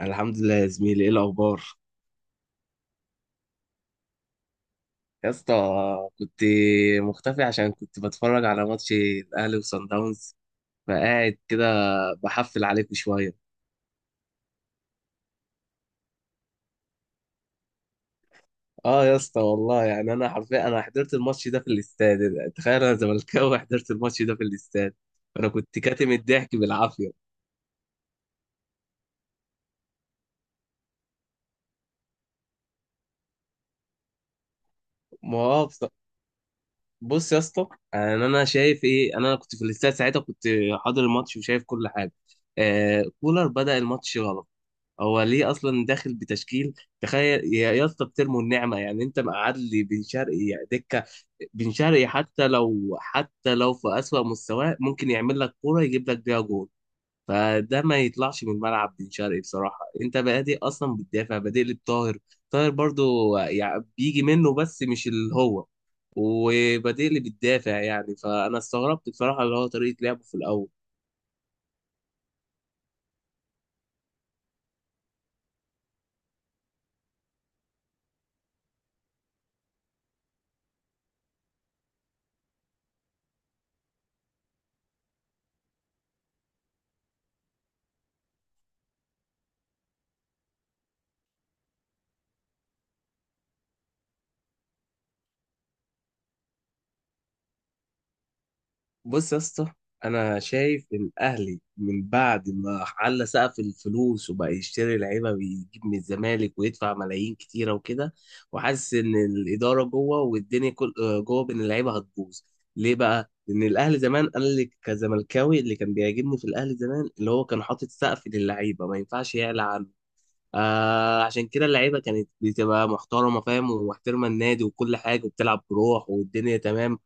الحمد لله يا زميلي، ايه الاخبار؟ يا اسطى، كنت مختفي عشان كنت بتفرج على ماتش الاهلي وصن داونز، فقاعد كده بحفل عليكم شويه. اه يا اسطى، والله يعني انا حرفيا انا حضرت الماتش ده في الاستاد. تخيل، انا زملكاوي حضرت الماتش ده في الاستاد. انا كنت كاتم الضحك بالعافيه. ما هو بص، بص يا اسطى، يعني انا شايف ايه. انا كنت في الاستاد ساعتها، كنت حاضر الماتش وشايف كل حاجه. آه، كولر بدأ الماتش غلط. هو ليه اصلا داخل بتشكيل؟ تخيل يا اسطى، بترموا النعمه. يعني انت مقعد لي بن شرقي دكه؟ بن شرقي حتى لو في اسوأ مستواه ممكن يعمل لك كوره يجيب لك بيها جول. فده ما يطلعش من الملعب بن شرقي. بصراحه انت بادئ اصلا بتدافع، بادئ لي بطاهر. طاهر برضو يعني بيجي منه بس مش اللي هو، وبادئ لي بتدافع يعني، فانا استغربت بصراحه اللي هو طريقه لعبه في الاول. بص يا اسطى، انا شايف ان الاهلي من بعد ما على سقف الفلوس وبقى يشتري لعيبه ويجيب من الزمالك ويدفع ملايين كتيره وكده، وحاسس ان الاداره جوه والدنيا كل جوه بين اللعيبه هتبوظ. ليه بقى؟ لان الاهلي زمان، انا اللي كزملكاوي اللي كان بيعجبني في الاهلي زمان اللي هو كان حاطط سقف للعيبه ما ينفعش يعلى عنه. آه، عشان كده اللعيبه كانت بتبقى محترمه، فاهم، ومحترمه النادي وكل حاجه، وبتلعب بروح والدنيا تمام.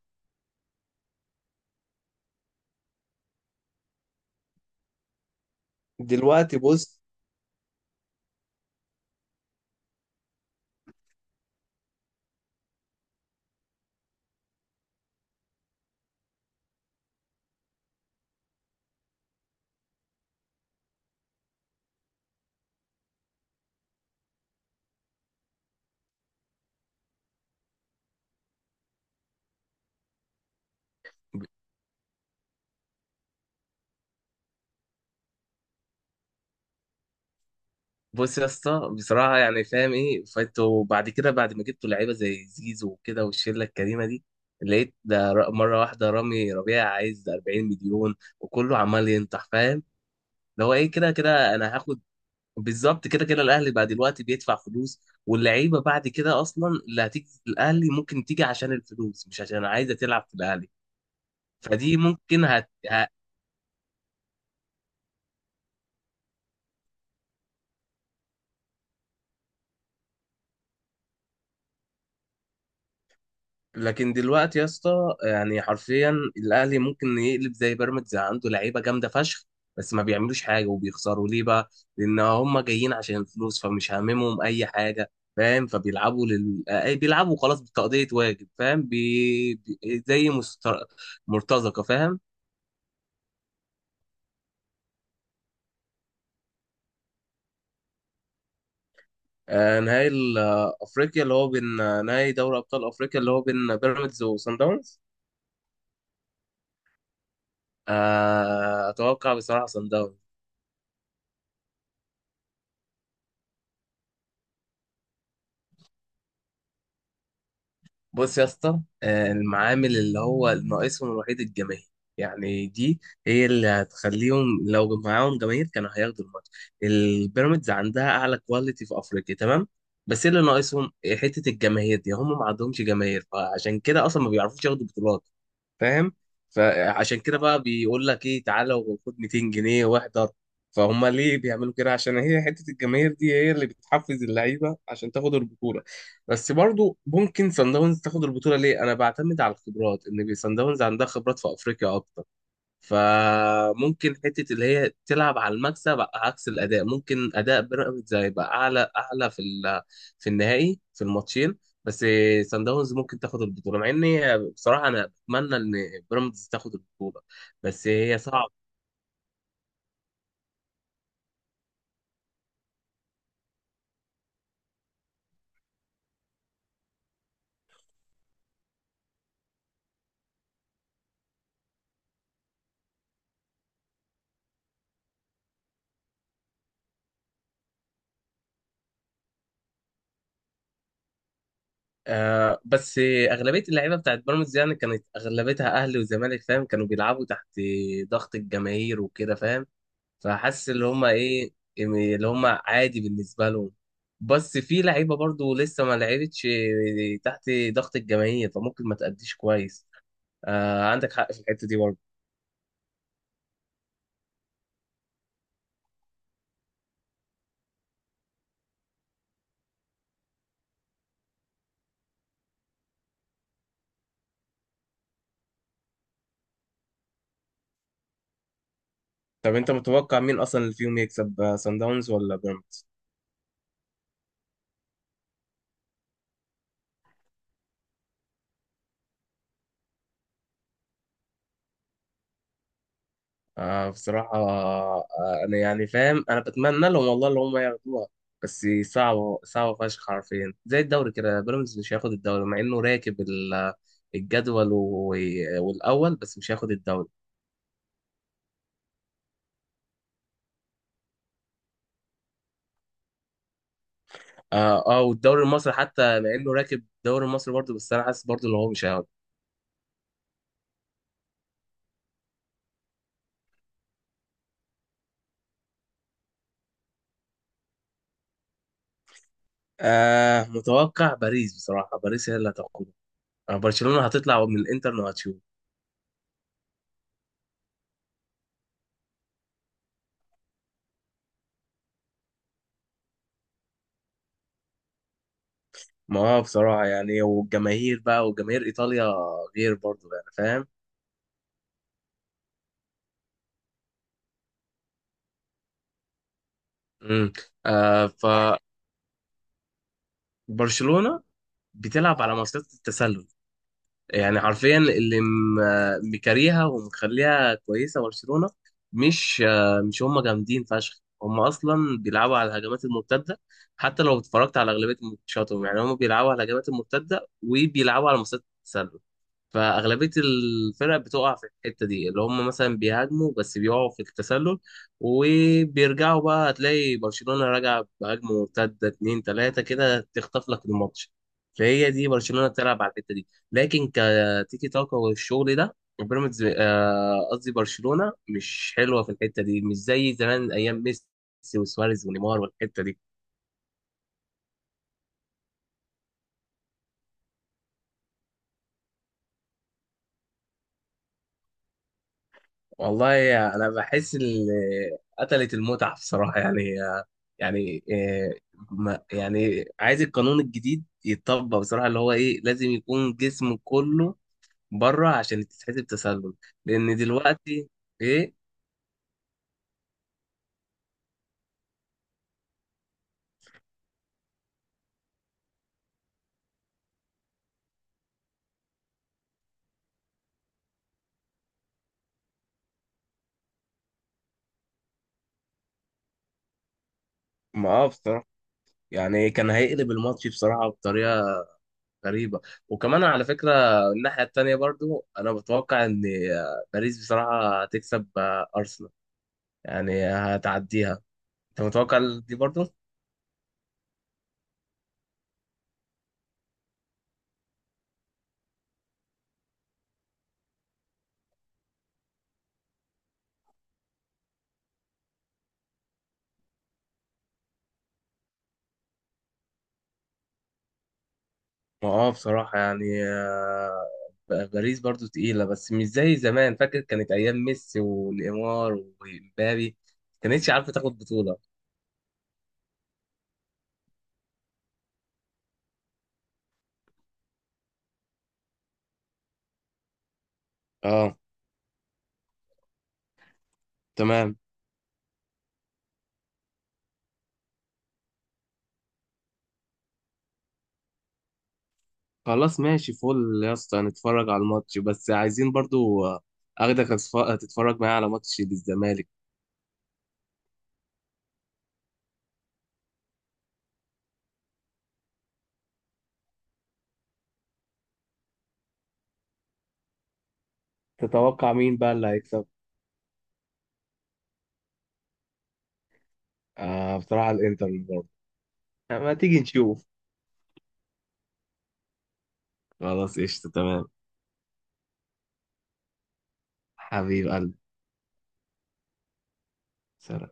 دلوقتي بص، بص يا اسطى بصراحه، يعني فاهم ايه؟ فانتوا بعد كده، بعد ما جبتوا لعيبه زي زيزو وكده والشله الكريمه دي، لقيت ده مره واحده رامي ربيع عايز 40 مليون وكله عمال ينطح، فاهم؟ اللي هو ايه، كده كده انا هاخد. بالظبط، كده كده الاهلي بعد دلوقتي بيدفع فلوس، واللعيبه بعد كده اصلا اللي هتيجي الاهلي ممكن تيجي عشان الفلوس مش عشان عايزه تلعب في الاهلي. فدي ممكن هت... لكن دلوقتي يا اسطى يعني حرفيا، الاهلي ممكن يقلب زي بيراميدز، عنده لعيبه جامده فشخ بس ما بيعملوش حاجه وبيخسروا. ليه بقى؟ لان هم جايين عشان الفلوس، فمش هاممهم اي حاجه، فاهم؟ فبيلعبوا لل... أي بيلعبوا خلاص، بتقضيه واجب، فاهم؟ زي مرتزقه، فاهم؟ آه نهائي افريقيا اللي هو بين، آه، نهائي دوري ابطال افريقيا اللي هو بين بيراميدز وصن داونز. آه، اتوقع بصراحه صن داونز. بص يا اسطى، آه، المعامل اللي هو ناقصهم الوحيد الجماهير. يعني دي هي اللي هتخليهم، لو معاهم جماهير كانوا هياخدوا الماتش. البيراميدز عندها اعلى كواليتي في افريقيا تمام، بس اللي ناقصهم حته الجماهير دي. هم ما عندهمش جماهير، فعشان كده اصلا ما بيعرفوش ياخدوا بطولات، فاهم؟ فعشان كده بقى بيقول لك ايه، تعالى وخد 200 جنيه واحضر. فهم ليه بيعملوا كده؟ عشان هي حتة الجماهير دي هي اللي بتحفز اللعيبة عشان تاخد البطولة. بس برضو ممكن سان داونز تاخد البطولة. ليه؟ انا بعتمد على الخبرات، ان سان داونز عندها خبرات في افريقيا اكتر. فممكن حته اللي هي تلعب على المكسب عكس الاداء. ممكن اداء بيراميدز هيبقى اعلى في في النهائي، في الماتشين، بس سان داونز ممكن تاخد البطوله، مع اني بصراحه انا اتمنى ان بيراميدز تاخد البطوله، بس هي صعبه. آه، بس اغلبيه اللعيبه بتاعت بيراميدز يعني كانت اغلبيتها اهلي وزمالك، فاهم، كانوا بيلعبوا تحت ضغط الجماهير وكده، فاهم. فحاسس اللي هم ايه، اللي هم عادي بالنسبه لهم. بس في لعيبه برضو لسه ما لعبتش تحت ضغط الجماهير، فممكن ما تأديش كويس. آه، عندك حق في الحته دي برضو. طب انت متوقع مين اصلا اللي فيهم يكسب، آه، سان داونز ولا بيراميدز؟ آه بصراحه، آه، انا يعني فاهم، انا بتمنى لهم والله اللي هم ياخدوها، بس صعبه، صعبه فشخ حرفيا. زي الدوري كده، بيراميدز مش هياخد الدوري مع انه راكب الجدول والاول، بس مش هياخد الدوري. اه، اه، والدوري المصري حتى مع انه راكب الدوري المصري برضه، بس انا حاسس برضه ان هو مش هياخده. آه، متوقع باريس بصراحة، باريس هي اللي هتاخده. آه، برشلونة هتطلع من الانتر وهتشوف. ما هو بصراحة يعني، والجماهير بقى وجماهير ايطاليا غير برضه، يعني فاهم. امم آه، فبرشلونة بتلعب على مصيدة التسلل، يعني حرفيا اللي مكاريها ومخليها كويسه برشلونه. مش، آه، مش هم جامدين فشخ، هم اصلا بيلعبوا على الهجمات المرتده. حتى لو اتفرجت على اغلبيه ماتشاتهم، يعني هم بيلعبوا على الهجمات المرتده وبيلعبوا على مسات التسلل. فأغلبية الفرق بتقع في الحتة دي، اللي هم مثلا بيهاجموا بس بيقعوا في التسلل، وبيرجعوا بقى، هتلاقي برشلونة راجع بهجمة مرتدة اتنين تلاتة كده تخطف لك الماتش. فهي دي برشلونة بتلعب على الحتة دي، لكن كتيكي تاكا والشغل ده، بيراميدز آه، قصدي برشلونة مش حلوة في الحتة دي، مش زي زمان أيام ميسي وسواريز ونيمار والحتة دي. والله انا بحس اللي قتلت المتعه بصراحه، يعني يعني، آه، ما يعني عايز القانون الجديد يتطبق بصراحه، اللي هو ايه، لازم يكون جسم كله بره عشان تتحسب تسلل. لان دلوقتي ايه، ما آه بصراحه يعني كان هيقلب الماتش بصراحه بطريقه غريبه. وكمان على فكره، الناحيه التانيه برضو، انا بتوقع ان، آه، باريس بصراحه هتكسب، آه، ارسنال، يعني هتعديها. انت متوقع دي برضو؟ ما اه بصراحة يعني، آه، باريس برضو تقيلة بس مش زي زمان، فاكر كانت أيام ميسي ونيمار ومبابي، كانتش عارفة تاخد بطولة. اه، تمام. خلاص ماشي، فل يا اسطى، نتفرج على الماتش، بس عايزين برضو، آه، تتفرج معايا على ماتش للزمالك. تتوقع مين بقى اللي هيكسب؟ آه بصراحة الإنتر برضه. ما تيجي نشوف. خلاص قشطة، تمام. حبيب قلبي. سلام.